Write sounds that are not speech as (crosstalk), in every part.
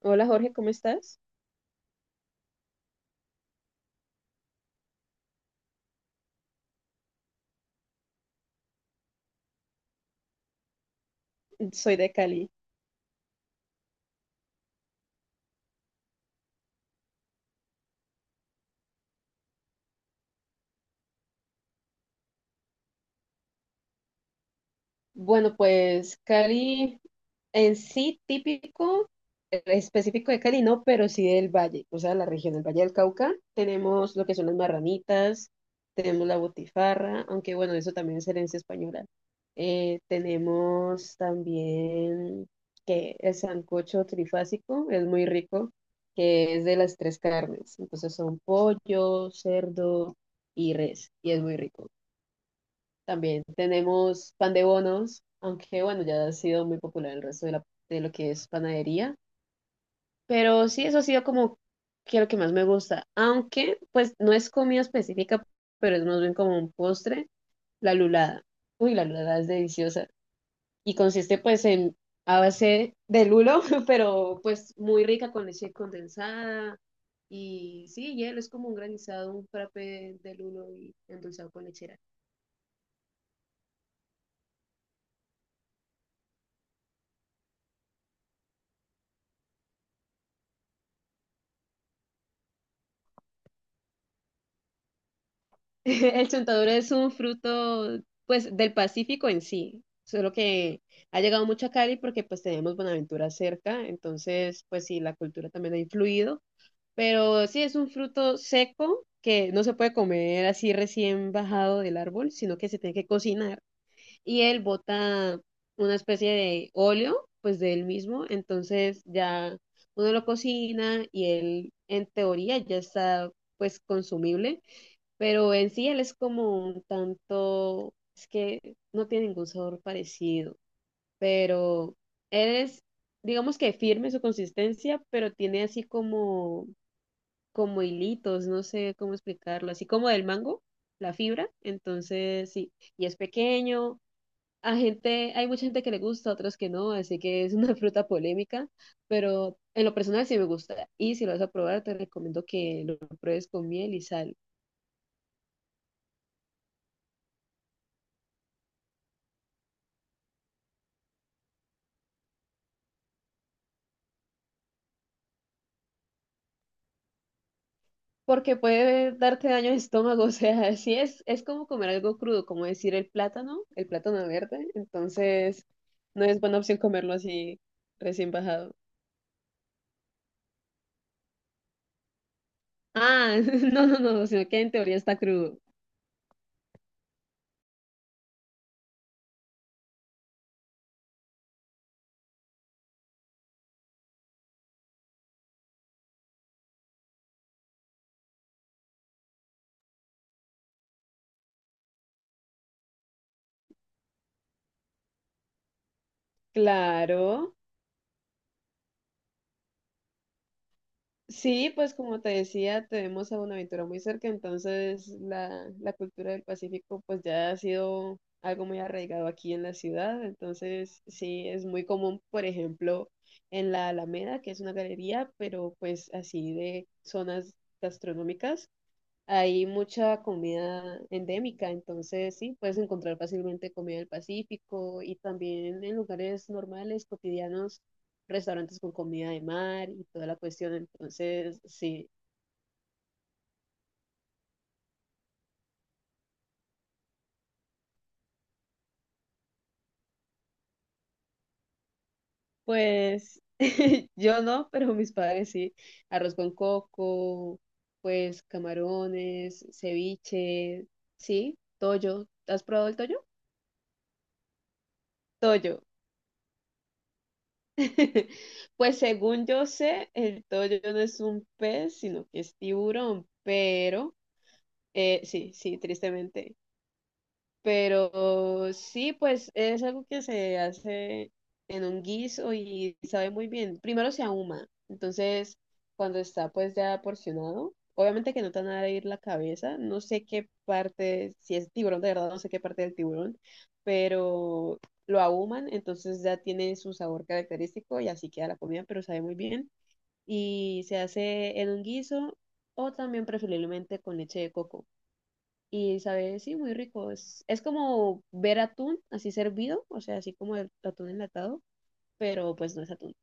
Hola Jorge, ¿cómo estás? Soy de Cali. Bueno, pues Cali en sí típico, específico de Cali, no, pero sí del valle, o sea, la región del Valle del Cauca. Tenemos lo que son las marranitas, tenemos la botifarra, aunque bueno, eso también es herencia española. Tenemos también que el sancocho trifásico es muy rico, que es de las tres carnes. Entonces son pollo, cerdo y res, y es muy rico. También tenemos pan de bonos, aunque bueno, ya ha sido muy popular el resto de, de lo que es panadería. Pero sí, eso ha sido como que lo que más me gusta. Aunque, pues, no es comida específica, pero es más bien como un postre, la lulada. Uy, la lulada es deliciosa. Y consiste pues en a base de lulo, (laughs) pero pues muy rica con leche condensada. Y sí, hielo es como un granizado, un frappé de lulo y endulzado con lechera. (laughs) El chontaduro es un fruto, pues, del Pacífico en sí, solo que ha llegado mucho a Cali porque, pues, tenemos Buenaventura cerca, entonces, pues, sí, la cultura también ha influido, pero sí, es un fruto seco que no se puede comer así recién bajado del árbol, sino que se tiene que cocinar, y él bota una especie de óleo, pues, de él mismo, entonces ya uno lo cocina y él, en teoría, ya está, pues, consumible, pero en sí él es como un tanto, es que no tiene ningún sabor parecido, pero él es, digamos, que firme su consistencia, pero tiene así como, como hilitos, no sé cómo explicarlo, así como del mango, la fibra, entonces sí, y es pequeño. A gente, hay mucha gente que le gusta, otros que no, así que es una (laughs) fruta polémica, pero en lo personal sí me gusta. Y si lo vas a probar, te recomiendo que lo pruebes con miel y sal. Porque puede darte daño al estómago, (laughs) o sea, sí es como comer algo crudo, como decir el plátano verde, entonces no es buena opción comerlo así recién bajado. Ah, (laughs) no, no, no, sino que en teoría está crudo. Claro. Sí, pues como te decía, tenemos a Buenaventura muy cerca, entonces la cultura del Pacífico pues ya ha sido algo muy arraigado aquí en la ciudad, entonces sí, es muy común, por ejemplo, en la Alameda, que es una galería, pero pues así de zonas gastronómicas. Hay mucha comida endémica, entonces sí, puedes encontrar fácilmente comida del Pacífico y también en lugares normales, cotidianos, restaurantes con comida de mar y toda la cuestión. Entonces, sí, pues (laughs) yo no, pero mis padres sí. Arroz con coco, pues camarones, ceviche, sí, toyo. ¿Has probado el toyo? Toyo. (laughs) Pues según yo sé, el toyo no es un pez, sino que es tiburón, pero sí, sí, tristemente. Pero sí, pues es algo que se hace en un guiso y sabe muy bien. Primero se ahuma, entonces cuando está pues ya porcionado, obviamente que no te van a ir la cabeza, no sé qué parte, si es tiburón de verdad, no sé qué parte del tiburón, pero lo ahuman, entonces ya tiene su sabor característico y así queda la comida, pero sabe muy bien. Y se hace en un guiso o también preferiblemente con leche de coco. Y sabe, sí, muy rico. Es como ver atún así servido, o sea, así como el atún enlatado, pero pues no es atún.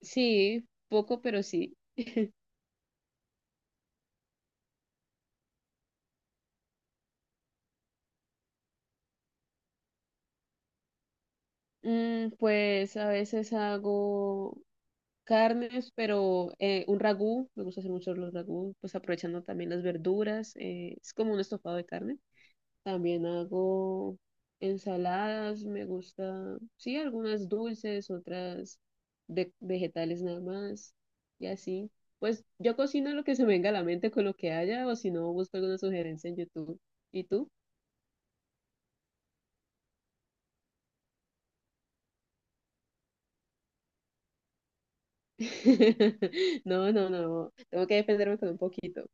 Sí, poco, pero sí. Mm, pues a veces hago carnes, pero un ragú, me gusta hacer mucho los ragú, pues aprovechando también las verduras, es como un estofado de carne. También hago ensaladas, me gusta, sí, algunas dulces, otras de vegetales nada más, y así. Pues yo cocino lo que se me venga a la mente con lo que haya, o si no, busco alguna sugerencia en YouTube. ¿Y tú? (laughs) No, no, no, tengo que defenderme con un poquito.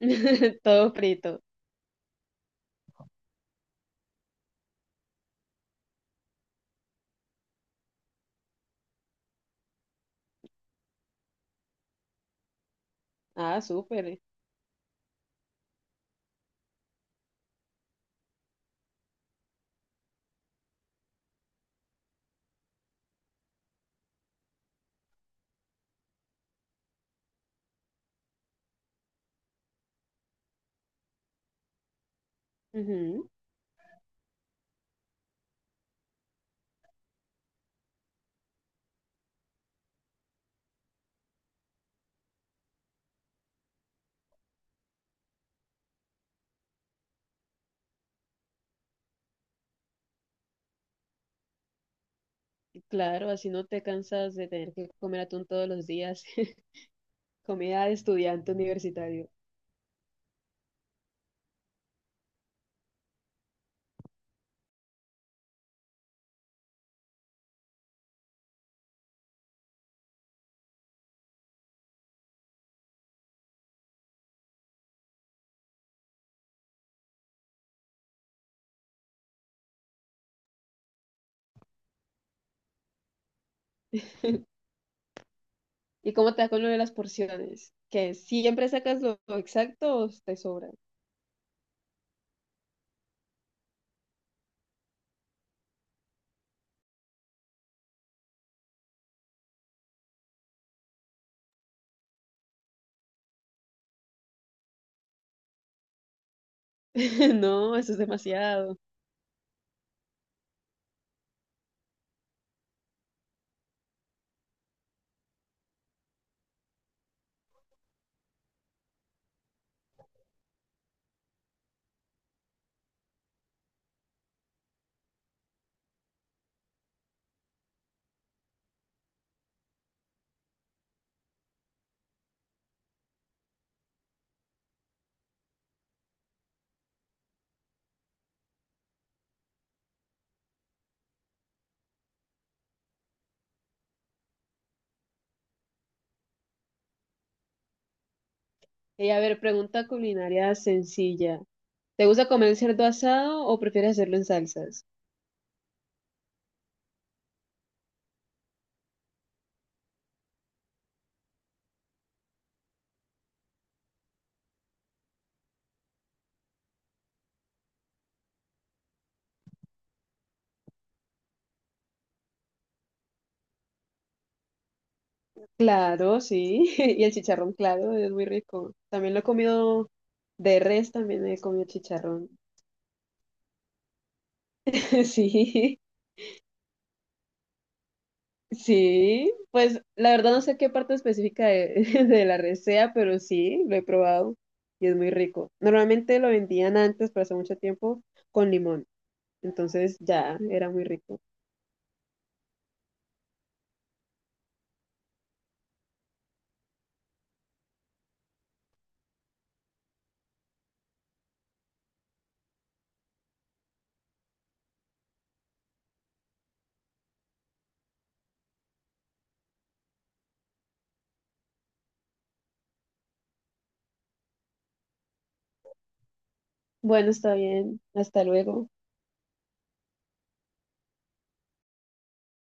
(laughs) Todo frito. Ah, súper. Ujú. Claro, así no te cansas de tener que comer atún todos los días. (laughs) Comida de estudiante universitario. ¿Y cómo te da con lo de las porciones? ¿Que siempre sacas lo exacto o te sobra? (laughs) No, eso es demasiado. Y a ver, pregunta culinaria sencilla. ¿Te gusta comer el cerdo asado o prefieres hacerlo en salsas? Claro, sí. (laughs) Y el chicharrón, claro, es muy rico. También lo he comido de res, también he comido chicharrón. (laughs) Sí. Sí, pues la verdad no sé qué parte específica de, (laughs) de la res sea, pero sí, lo he probado y es muy rico. Normalmente lo vendían antes, pero hace mucho tiempo, con limón. Entonces ya era muy rico. Bueno, está bien. Hasta luego.